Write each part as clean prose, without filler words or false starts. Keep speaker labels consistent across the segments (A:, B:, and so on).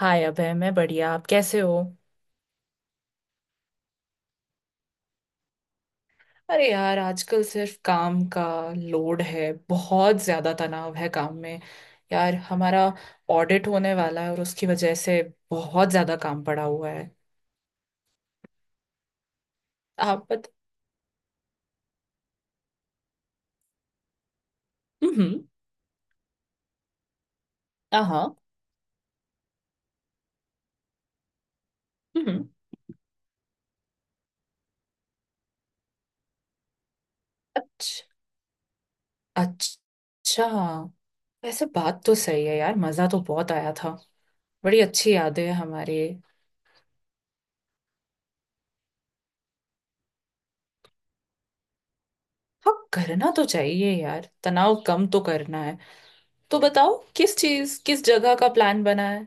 A: हाय अभय, मैं बढ़िया। आप कैसे हो? अरे यार, आजकल सिर्फ काम का लोड है। बहुत ज्यादा तनाव है काम में। यार हमारा ऑडिट होने वाला है और उसकी वजह से बहुत ज्यादा काम पड़ा हुआ है। आप बत हम्म। हाँ हाँ, हम्म। अच्छा अच्छा। वैसे बात तो सही है यार, मजा तो बहुत आया था। बड़ी अच्छी यादें हैं हमारी। हाँ, करना तो चाहिए यार, तनाव कम तो करना है। तो बताओ, किस चीज किस जगह का प्लान बना है?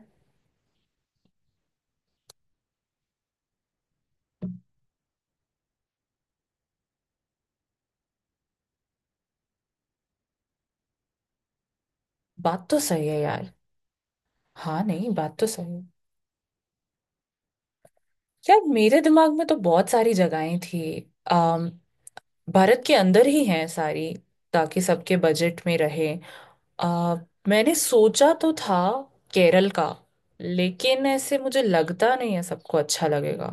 A: बात तो सही है यार। हाँ नहीं, बात तो सही है। यार मेरे दिमाग में तो बहुत सारी जगहें थी। अम, भारत के अंदर ही हैं सारी, ताकि सबके बजट में रहे। आ, मैंने सोचा तो था केरल का, लेकिन ऐसे मुझे लगता नहीं है सबको अच्छा लगेगा।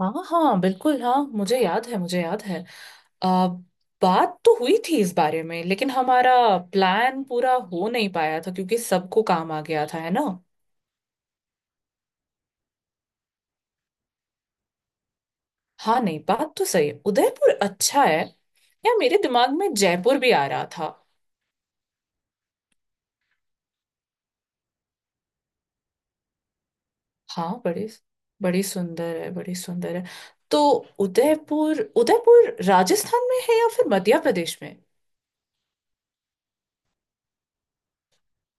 A: हाँ हाँ बिल्कुल, हाँ मुझे याद है, मुझे याद है। आ, बात तो हुई थी इस बारे में, लेकिन हमारा प्लान पूरा हो नहीं पाया था क्योंकि सबको काम आ गया था, है ना। हाँ नहीं, बात तो सही है, उदयपुर अच्छा है। या मेरे दिमाग में जयपुर भी आ रहा था। हाँ बड़ी, बड़ी सुंदर है, बड़ी सुंदर है। तो उदयपुर, उदयपुर राजस्थान में है या फिर मध्य प्रदेश में?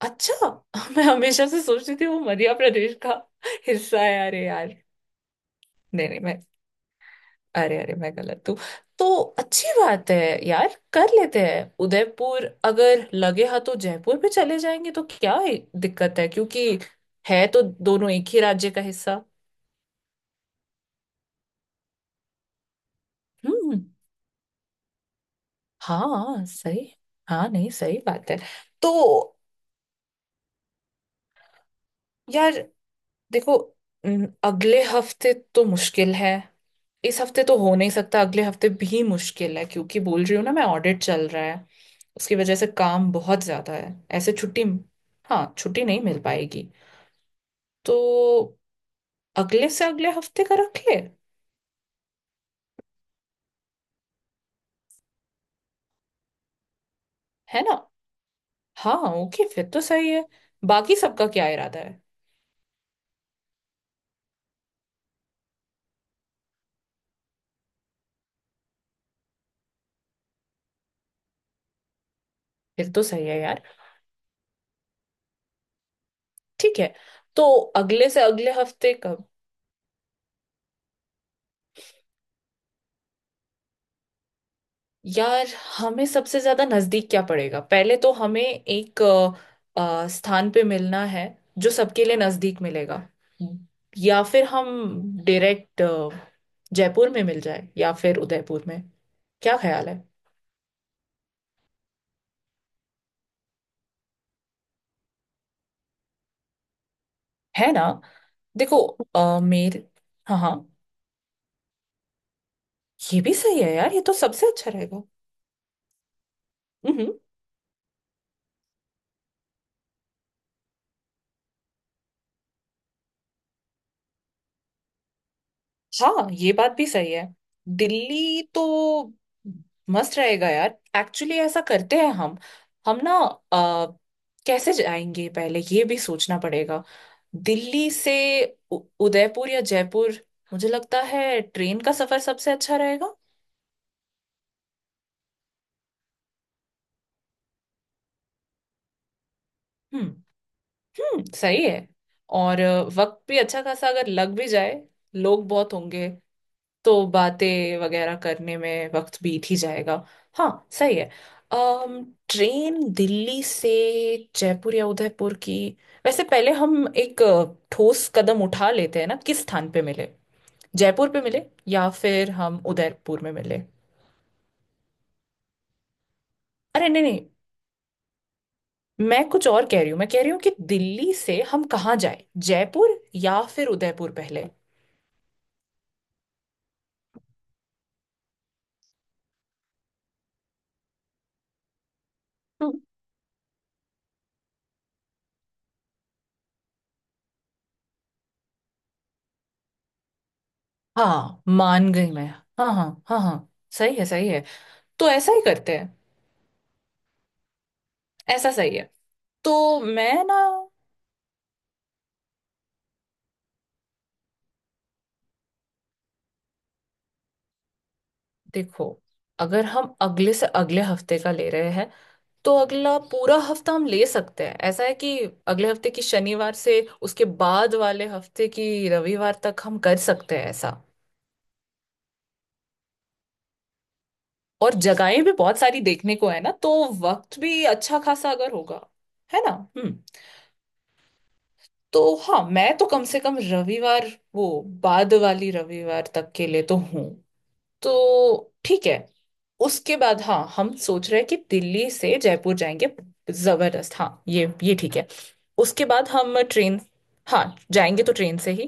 A: अच्छा। मैं हमेशा से सोचती थी वो मध्य प्रदेश का हिस्सा है। अरे यार, नहीं नहीं मैं अरे अरे, मैं गलत हूँ। तो अच्छी बात है। यार कर लेते हैं उदयपुर, अगर लगे हाँ तो जयपुर भी चले जाएंगे, तो क्या ही दिक्कत है क्योंकि है तो दोनों एक ही राज्य का हिस्सा। हम्म, हाँ सही। हाँ नहीं, सही बात है। तो यार देखो, अगले हफ्ते तो मुश्किल है। इस हफ्ते तो हो नहीं सकता, अगले हफ्ते भी मुश्किल है क्योंकि बोल रही हूँ ना, मैं ऑडिट चल रहा है, उसकी वजह से काम बहुत ज्यादा है। ऐसे छुट्टी, हाँ छुट्टी नहीं मिल पाएगी। तो अगले से अगले हफ्ते का रख ले, है ना। हाँ, ओके फिर तो सही है। बाकी सबका क्या इरादा है? फिर तो सही है यार। ठीक है, तो अगले से अगले हफ्ते का। यार हमें सबसे ज्यादा नजदीक क्या पड़ेगा? पहले तो हमें एक स्थान पे मिलना है जो सबके लिए नजदीक मिलेगा, या फिर हम डायरेक्ट जयपुर में मिल जाए या फिर उदयपुर में। क्या ख्याल है? है ना देखो, मेरे, हाँ हाँ, ये भी सही है यार, ये तो सबसे अच्छा रहेगा। हम्म, हम्म। हाँ, ये बात भी सही है। दिल्ली तो मस्त रहेगा यार। एक्चुअली ऐसा करते हैं हम, हम ना अ, कैसे जाएंगे पहले, ये भी सोचना पड़ेगा। दिल्ली से उ- उदयपुर या जयपुर, मुझे लगता है ट्रेन का सफर सबसे अच्छा रहेगा। हम्म, सही है। और वक्त भी अच्छा खासा अगर लग भी जाए, लोग बहुत होंगे तो बातें वगैरह करने में वक्त बीत ही जाएगा। हाँ सही है। अम ट्रेन दिल्ली से जयपुर या उदयपुर की। वैसे पहले हम एक ठोस कदम उठा लेते हैं ना, किस स्थान पे मिले, जयपुर पे मिले या फिर हम उदयपुर में मिले। अरे नहीं नहीं, मैं कुछ और कह रही हूँ। मैं कह रही हूँ कि दिल्ली से हम कहाँ जाए, जयपुर या फिर उदयपुर पहले? हम्म, हाँ मान गई मैं। हाँ हाँ हाँ हाँ, सही है सही है। तो ऐसा ही करते हैं, ऐसा सही है। तो मैं ना, देखो अगर हम अगले से अगले हफ्ते का ले रहे हैं, तो अगला पूरा हफ्ता हम ले सकते हैं। ऐसा है कि अगले हफ्ते की शनिवार से उसके बाद वाले हफ्ते की रविवार तक हम कर सकते हैं, ऐसा। और जगहें भी बहुत सारी देखने को है ना, तो वक्त भी अच्छा खासा अगर होगा, है ना। हम्म, तो हाँ, मैं तो कम से कम रविवार, वो बाद वाली रविवार तक के लिए तो हूँ। तो ठीक है। उसके बाद हाँ, हम सोच रहे हैं कि दिल्ली से जयपुर जाएंगे। जबरदस्त, हाँ ये ठीक है। उसके बाद हम ट्रेन, हाँ जाएंगे तो ट्रेन से ही।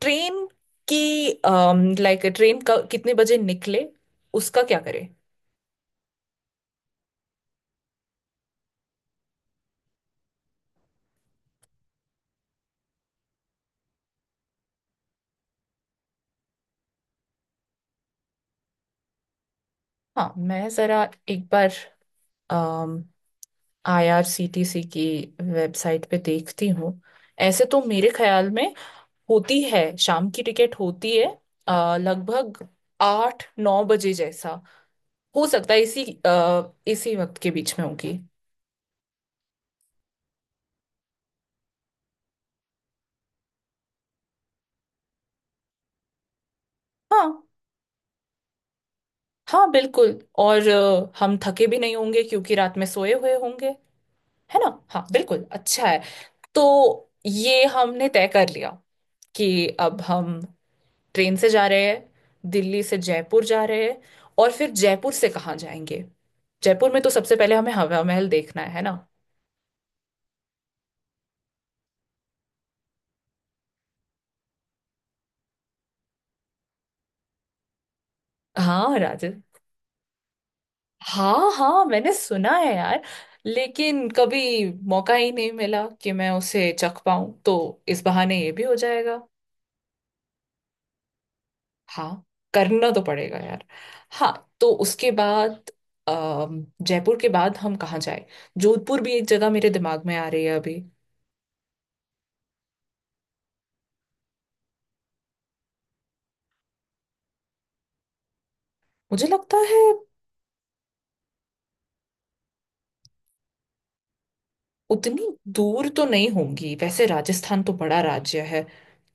A: ट्रेन की, लाइक ट्रेन का कितने बजे निकले, उसका क्या करें? हाँ, मैं जरा एक बार आईआरसीटीसी की वेबसाइट पे देखती हूँ। ऐसे तो मेरे ख्याल में होती है, शाम की टिकट होती है लगभग आठ नौ बजे जैसा, हो सकता है इसी वक्त के बीच में होगी। हाँ हाँ बिल्कुल, और हम थके भी नहीं होंगे क्योंकि रात में सोए हुए होंगे, है ना। हाँ बिल्कुल, अच्छा है। तो ये हमने तय कर लिया कि अब हम ट्रेन से जा रहे हैं, दिल्ली से जयपुर जा रहे हैं। और फिर जयपुर से कहाँ जाएंगे? जयपुर में तो सबसे पहले हमें हवा महल देखना है ना। हाँ राजे, हाँ हाँ मैंने सुना है यार, लेकिन कभी मौका ही नहीं मिला कि मैं उसे चख पाऊं, तो इस बहाने ये भी हो जाएगा। हाँ, करना तो पड़ेगा यार। हाँ। तो उसके बाद, जयपुर के बाद हम कहाँ जाए? जोधपुर भी एक जगह मेरे दिमाग में आ रही है अभी। मुझे लगता है उतनी दूर तो नहीं होंगी, वैसे राजस्थान तो बड़ा राज्य है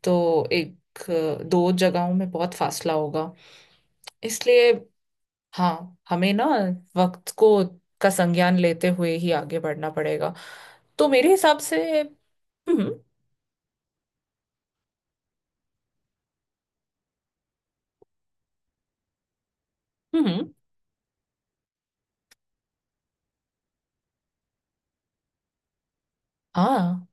A: तो एक दो जगहों में बहुत फासला होगा, इसलिए हाँ, हमें ना वक्त को का संज्ञान लेते हुए ही आगे बढ़ना पड़ेगा। तो मेरे हिसाब से, हम्म। हम्म, हाँ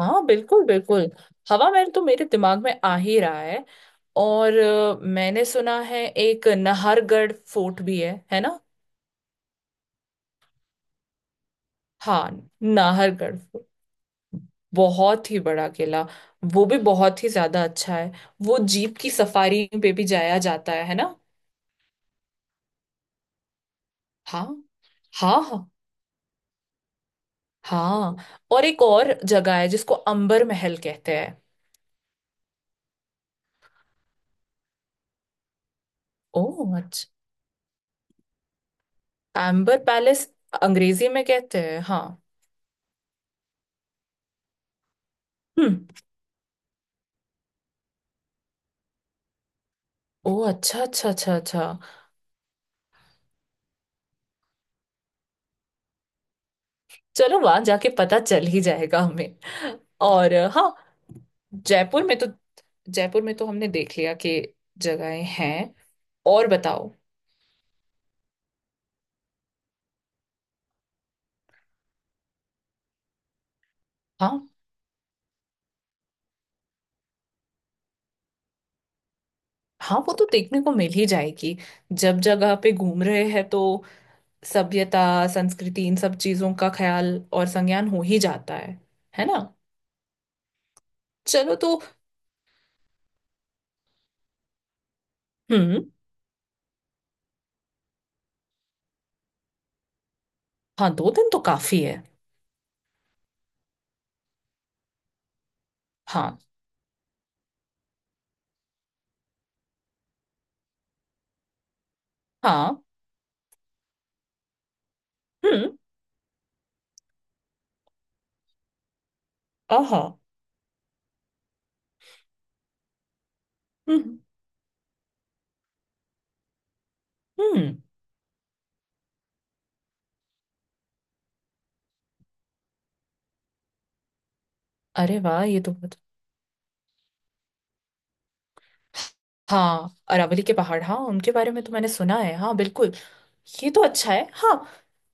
A: हाँ बिल्कुल बिल्कुल। हवा महल तो मेरे दिमाग में आ ही रहा है, और मैंने सुना है एक नाहरगढ़ फोर्ट भी है ना। हाँ, नाहरगढ़ फोर्ट, बहुत ही बड़ा किला, वो भी बहुत ही ज्यादा अच्छा है। वो जीप की सफारी पे भी जाया जाता है ना। हाँ हाँ हाँ। हाँ, और एक और जगह है जिसको अंबर महल कहते हैं। ओह अच्छा, अंबर पैलेस अंग्रेजी में कहते हैं, हाँ। हम्म। ओह अच्छा अच्छा अच्छा अच्छा, चलो वहां जाके पता चल ही जाएगा हमें। और हाँ, जयपुर में तो, जयपुर में तो हमने देख लिया कि जगहें हैं। और बताओ? हाँ हाँ, वो तो देखने को मिल ही जाएगी, जब जगह पे घूम रहे हैं तो। सभ्यता, संस्कृति, इन सब चीजों का ख्याल और संज्ञान हो ही जाता है ना। चलो तो, हम्म। हाँ, दो दिन तो काफी है। हाँ। हाँ। हम्म। आहा। हम्म, हम्म। अरे वाह, ये तो बहुत। हाँ, अरावली के पहाड़, हाँ उनके बारे में तो मैंने सुना है, हाँ बिल्कुल। ये तो अच्छा है हाँ।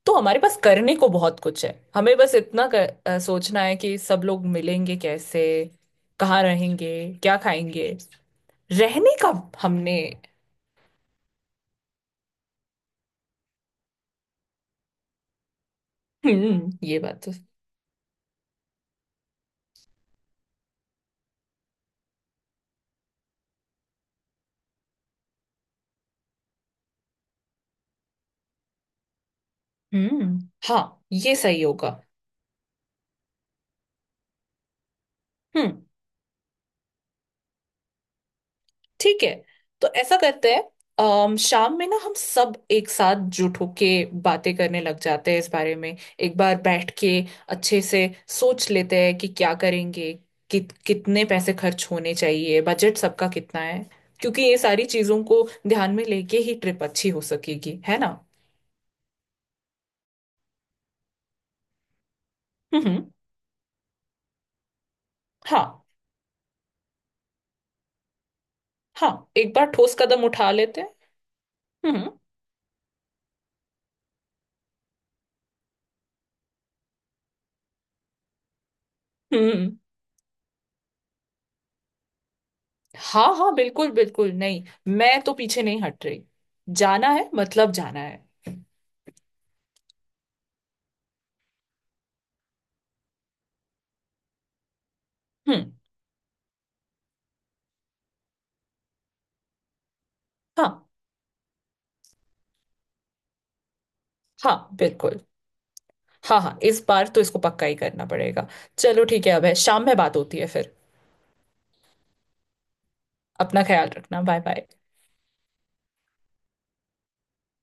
A: तो हमारे पास करने को बहुत कुछ है, हमें बस इतना सोचना है कि सब लोग मिलेंगे कैसे, कहाँ रहेंगे, क्या खाएंगे। रहने का, हमने, हम्म, ये बात तो, हम्म। हाँ, ये सही होगा। हम्म, ठीक है तो ऐसा करते हैं। शाम में ना हम सब एक साथ जुट होके बातें करने लग जाते हैं, इस बारे में एक बार बैठ के अच्छे से सोच लेते हैं कि क्या करेंगे, कितने पैसे खर्च होने चाहिए, बजट सबका कितना है, क्योंकि ये सारी चीजों को ध्यान में लेके ही ट्रिप अच्छी हो सकेगी, है ना। हम्म। हाँ, हाँ एक बार ठोस कदम उठा लेते हैं। हम्म, हम्म। हाँ हाँ बिल्कुल बिल्कुल, नहीं मैं तो पीछे नहीं हट रही, जाना है मतलब जाना है। हम्म। हाँ हाँ बिल्कुल। हाँ हाँ, इस बार तो इसको पक्का ही करना पड़ेगा। चलो ठीक है, अब है शाम में बात होती है फिर। अपना ख्याल रखना, बाय बाय।